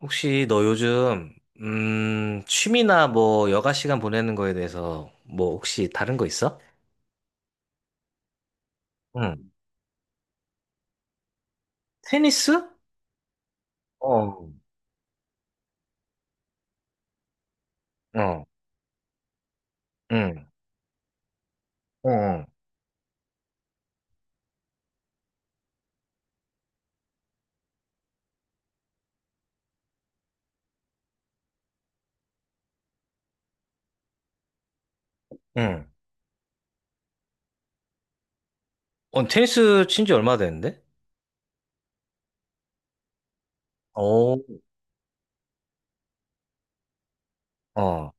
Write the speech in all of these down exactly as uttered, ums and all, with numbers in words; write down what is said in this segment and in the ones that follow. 혹시 너 요즘 음, 취미나 뭐 여가 시간 보내는 거에 대해서 뭐 혹시 다른 거 있어? 응. 테니스? 어. 어. 응. 어. 어. 응. 어, 테니스 친지 얼마 됐는데? 어. 어.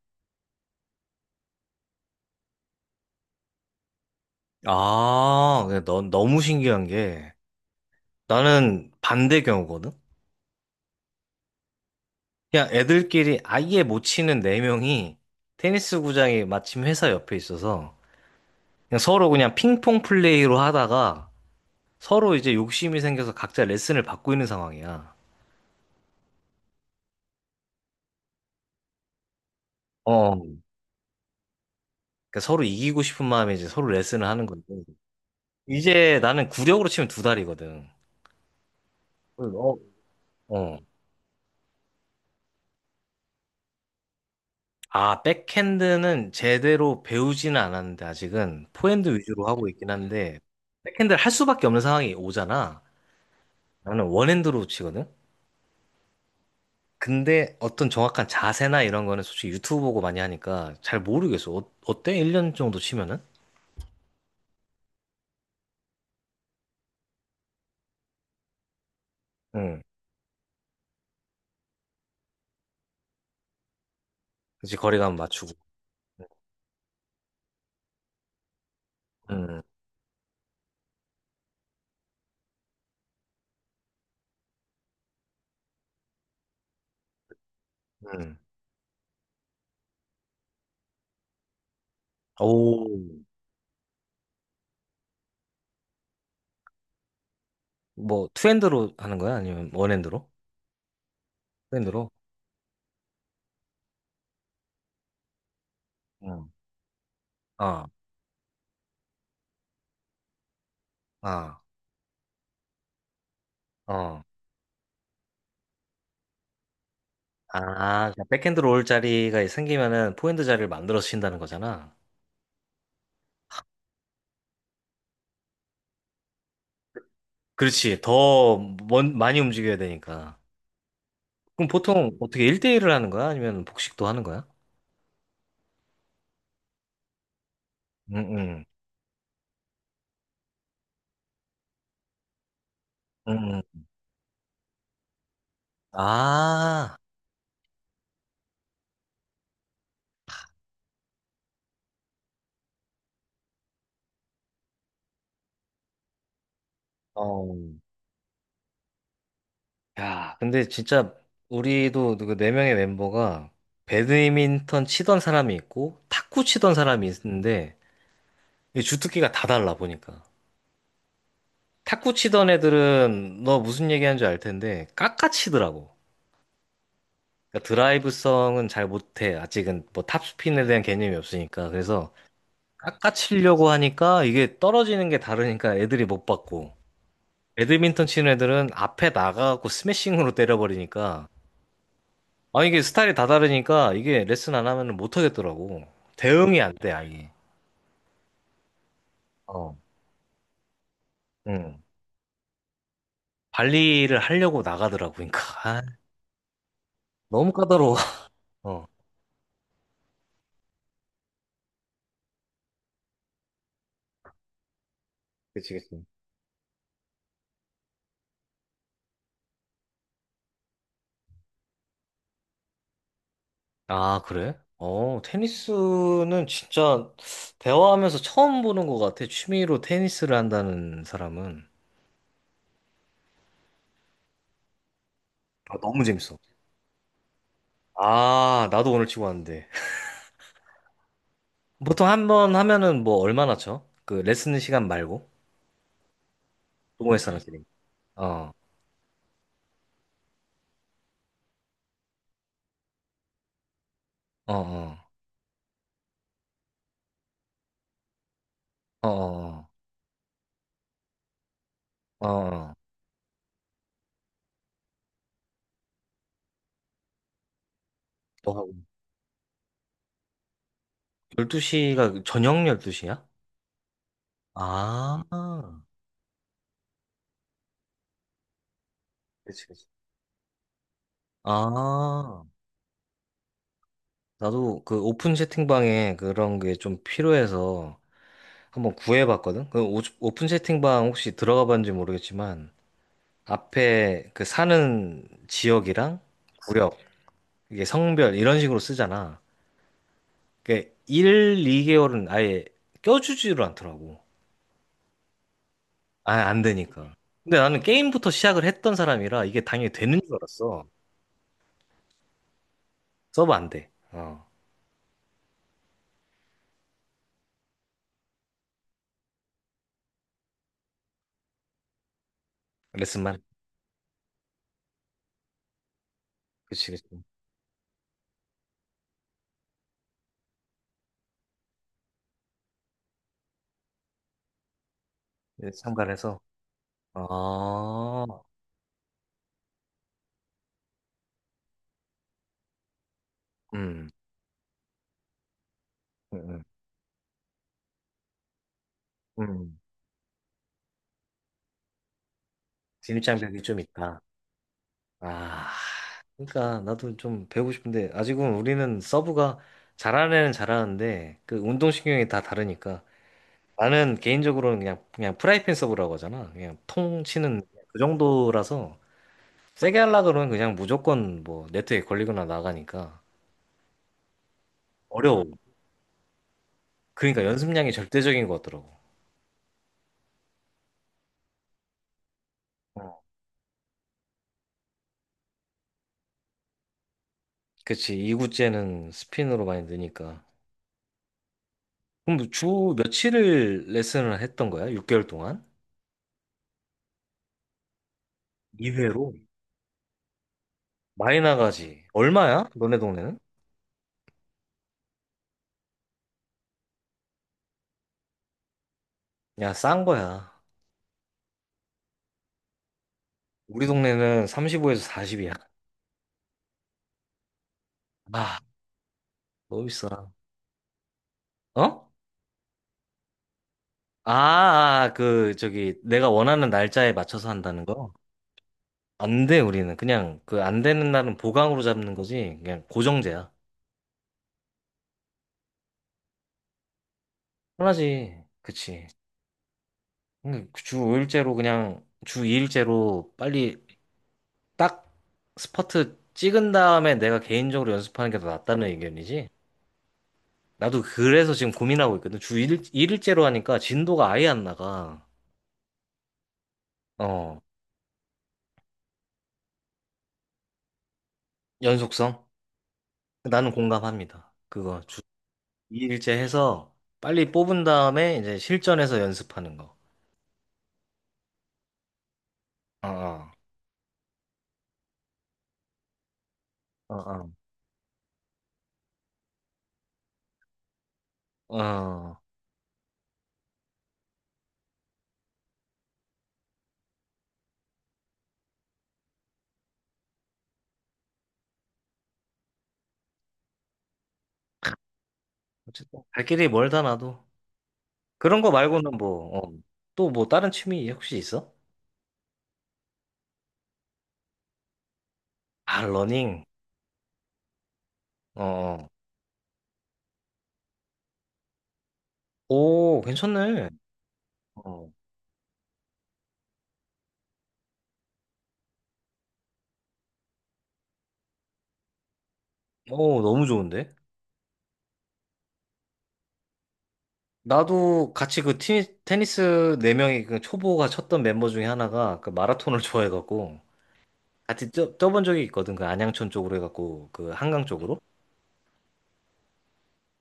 아, 근데 넌 너무 신기한 게 나는 반대 경우거든. 그냥 애들끼리 아예 못 치는 네 명이 테니스 구장이 마침 회사 옆에 있어서 그냥 서로 그냥 핑퐁 플레이로 하다가 서로 이제 욕심이 생겨서 각자 레슨을 받고 있는 상황이야. 어, 그러니까 서로 이기고 싶은 마음에 이제 서로 레슨을 하는 건데. 이제 나는 구력으로 치면 두 달이거든. 어, 어. 아, 백핸드는 제대로 배우지는 않았는데 아직은 포핸드 위주로 하고 있긴 한데 백핸드를 할 수밖에 없는 상황이 오잖아. 나는 원핸드로 치거든. 근데 어떤 정확한 자세나 이런 거는 솔직히 유튜브 보고 많이 하니까 잘 모르겠어. 어, 어때? 일 년 정도 치면은? 응. 그치, 거리감 맞추고. 응. 응. 오, 뭐 투핸드로 하는 거야? 아니면 원핸드로? 투핸드로? 응. 어, 어, 어. 아, 그냥 백핸드로 올 자리가 생기면은 포핸드 자리를 만들어 주신다는 거잖아. 그렇지. 더 먼, 많이 움직여야 되니까. 그럼 보통 어떻게 일 대일을 하는 거야? 아니면 복식도 하는 거야? 응, 응, 응. 아, 어. 야, 근데 진짜 우리도 그 네 명의 멤버가 배드민턴 치던 사람이 있고 탁구 치던 사람이 있는데 이 주특기가 다 달라 보니까. 탁구 치던 애들은 너 무슨 얘기하는지 알 텐데 깎아치더라고. 그러니까 드라이브성은 잘 못해. 아직은 뭐 탑스핀에 대한 개념이 없으니까. 그래서 깎아치려고 하니까 이게 떨어지는 게 다르니까 애들이 못 받고. 배드민턴 치는 애들은 앞에 나가고 스매싱으로 때려버리니까 아, 이게 스타일이 다 다르니까 이게 레슨 안 하면 못 하겠더라고. 대응이 안 돼, 아예. 어. 응. 관리를 하려고 나가더라고. 그러니까 아, 너무 까다로워. 어. 그치, 그치. 아, 그래? 어, 테니스는 진짜 대화하면서 처음 보는 것 같아. 취미로 테니스를 한다는 사람은. 아, 너무 재밌어. 아, 나도 오늘 치고 왔는데. 보통 한 번 하면은 뭐 얼마나 쳐? 그 레슨 시간 말고? 동호회사람 음. 끼리. 어, 어, 어, 어, 어, 어. 어. 너 열두 시가 저녁 열두 시야? 아, 그치, 그치. 아, 나도 그 오픈 채팅방에 그런 게 좀 필요해서 한번 구해봤거든? 그 오- 오픈 채팅방 혹시 들어가 봤는지 모르겠지만, 앞에 그 사는 지역이랑 구역, 이게 성별, 이런 식으로 쓰잖아. 그게 일, 이 개월은 아예 껴주지를 않더라고. 아예 안 되니까. 근데 나는 게임부터 시작을 했던 사람이라 이게 당연히 되는 줄 알았어. 서버 안 돼. 어. 레슨만. 그치, 그치. 참가를 해서. 아, 음, 음, 음. 음. 진입장벽이 좀 있다. 아, 그러니까 나도 좀 배우고 싶은데 아직은 우리는 서브가 잘하는 애는 잘하는데 그 운동신경이 다 다르니까 나는 개인적으로는 그냥 그냥 프라이팬 서브라고 하잖아. 그냥 통 치는 그 정도라서 세게 하려고 그러면 그냥 무조건 뭐 네트에 걸리거나 나가니까 어려워. 그러니까 연습량이 절대적인 것 같더라고. 어. 그치. 이구째는 스핀으로 많이 느니까. 그럼 주 며칠을 레슨을 했던 거야? 육 개월 동안? 이 회로? 많이 나가지. 얼마야? 너네 동네는? 야, 싼 거야. 우리 동네는 삼십오에서 사십이야. 아, 너무 비싸. 어? 아, 아, 그, 저기, 내가 원하는 날짜에 맞춰서 한다는 거? 안 돼, 우리는. 그냥, 그, 안 되는 날은 보강으로 잡는 거지. 그냥 고정제야. 편하지. 그치. 응, 주 오 일제로 그냥, 주 이 일제로 빨리 딱 스퍼트 찍은 다음에 내가 개인적으로 연습하는 게 더 낫다는 의견이지? 나도 그래서 지금 고민하고 있거든. 주 일, 일째로 하니까 진도가 아예 안 나가. 어, 연속성? 나는 공감합니다. 그거 주 이 일째 해서 빨리 뽑은 다음에 이제 실전에서 연습하는 거. 어, 어, 어, 어. 어. 어쨌든 갈 길이 멀다 나도. 그런 거 말고는 뭐, 어. 또 뭐 다른 취미 혹시 있어? 아, 러닝. 어, 어. 오, 괜찮네. 어, 오, 너무 좋은데? 나도 같이 그 티, 테니스 네 명이 그 초보가 쳤던 멤버 중에 하나가 그 마라톤을 좋아해갖고 같이 쪄뛰본 적이 있거든. 그 안양천 쪽으로 해갖고 그 한강 쪽으로.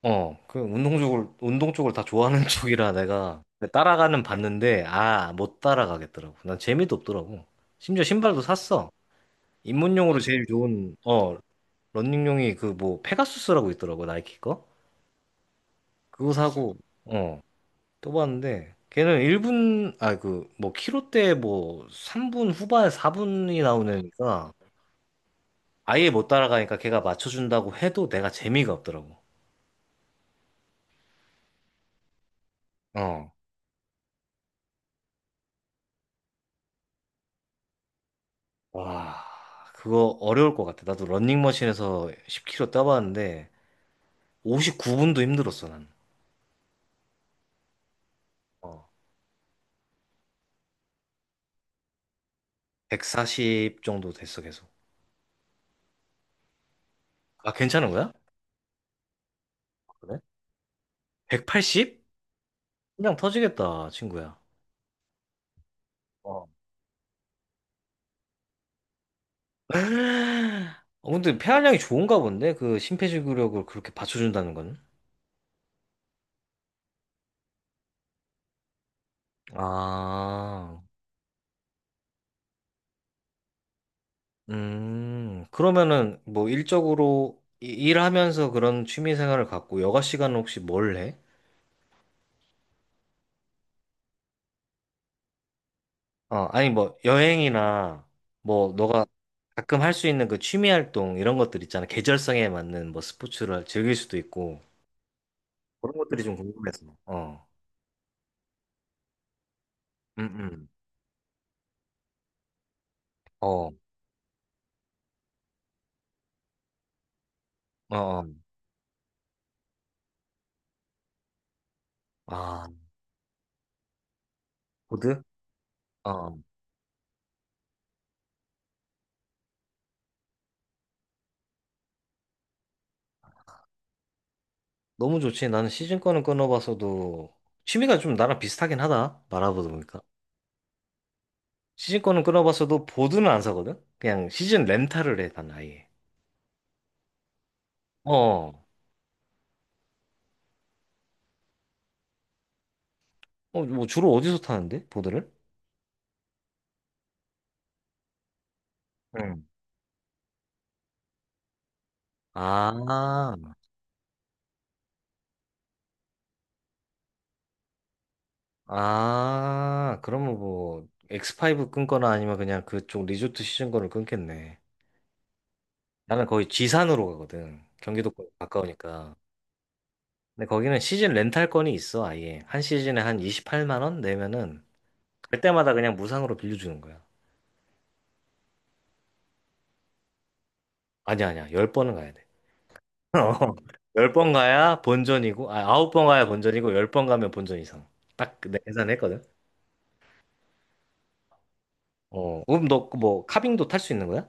어, 그 운동 쪽을 운동 쪽을 다 좋아하는 쪽이라 내가 그 따라가는 봤는데 아, 못 따라가겠더라고. 난 재미도 없더라고. 심지어 신발도 샀어. 입문용으로 제일 좋은 어, 러닝용이 그 뭐 페가수스라고 있더라고, 나이키 거. 그거 사고 어. 또 봤는데 걔는 일 분 아 그 뭐 키로대 뭐 삼 분 후반 사 분이 나오니까 아예 못 따라가니까 걔가 맞춰준다고 해도 내가 재미가 없더라고. 어. 와, 그거 어려울 것 같아. 나도 런닝머신에서 십 킬로미터 따봤는데 오십구 분도 힘들었어 난. 어. 백사십 정도 됐어 계속. 아, 괜찮은 거야? 그래? 백팔십? 그냥 터지겠다 친구야. 어. 어, 근데 폐활량이 좋은가 본데? 그 심폐지구력을 그렇게 받쳐준다는 건? 아, 음, 그러면은 뭐 일적으로 이- 일하면서 그런 취미 생활을 갖고 여가 시간은 혹시 뭘 해? 어, 아니 뭐 여행이나 뭐 너가 가끔 할 수 있는 그 취미 활동 이런 것들 있잖아. 계절성에 맞는 뭐 스포츠를 즐길 수도 있고 그런 것들이 좀 궁금해서. 어, 음, 음, 어, 어, 어. 아, 보드? 어. 너무 좋지. 나는 시즌 거는 끊어봤어도 취미가 좀 나랑 비슷하긴 하다. 말아보다 보니까. 시즌 거는 끊어봤어도 보드는 안 사거든? 그냥 시즌 렌탈을 해, 난 아예. 어. 어, 뭐 주로 어디서 타는데? 보드를? 응. 아, 아, 그러면 뭐, 엑스 파이브 끊거나 아니면 그냥 그쪽 리조트 시즌 거를 끊겠네. 나는 거의 지산으로 가거든. 경기도권 가까우니까. 근데 거기는 시즌 렌탈권이 있어, 아예. 한 시즌에 한 이십팔만 원 내면은 갈 때마다 그냥 무상으로 빌려주는 거야. 아니야, 아니야. 열 번은 가야 돼. 열 번 가야 본전이고, 아, 아홉 번 가야 본전이고, 열 번 가면 본전 이상. 딱 내가 계산했거든. 어, 그럼 너 그 뭐 카빙도 탈 수 있는 거야?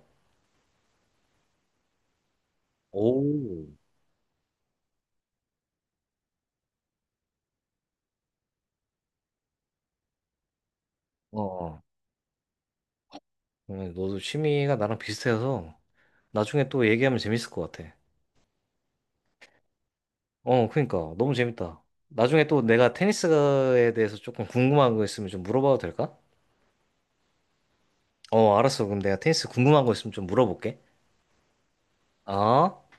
오. 어, 어. 그러면 너도 취미가 나랑 비슷해서 나중에 또 얘기하면 재밌을 것 같아. 어, 그러니까 너무 재밌다. 나중에 또 내가 테니스에 대해서 조금 궁금한 거 있으면 좀 물어봐도 될까? 어, 알았어. 그럼 내가 테니스 궁금한 거 있으면 좀 물어볼게. 어?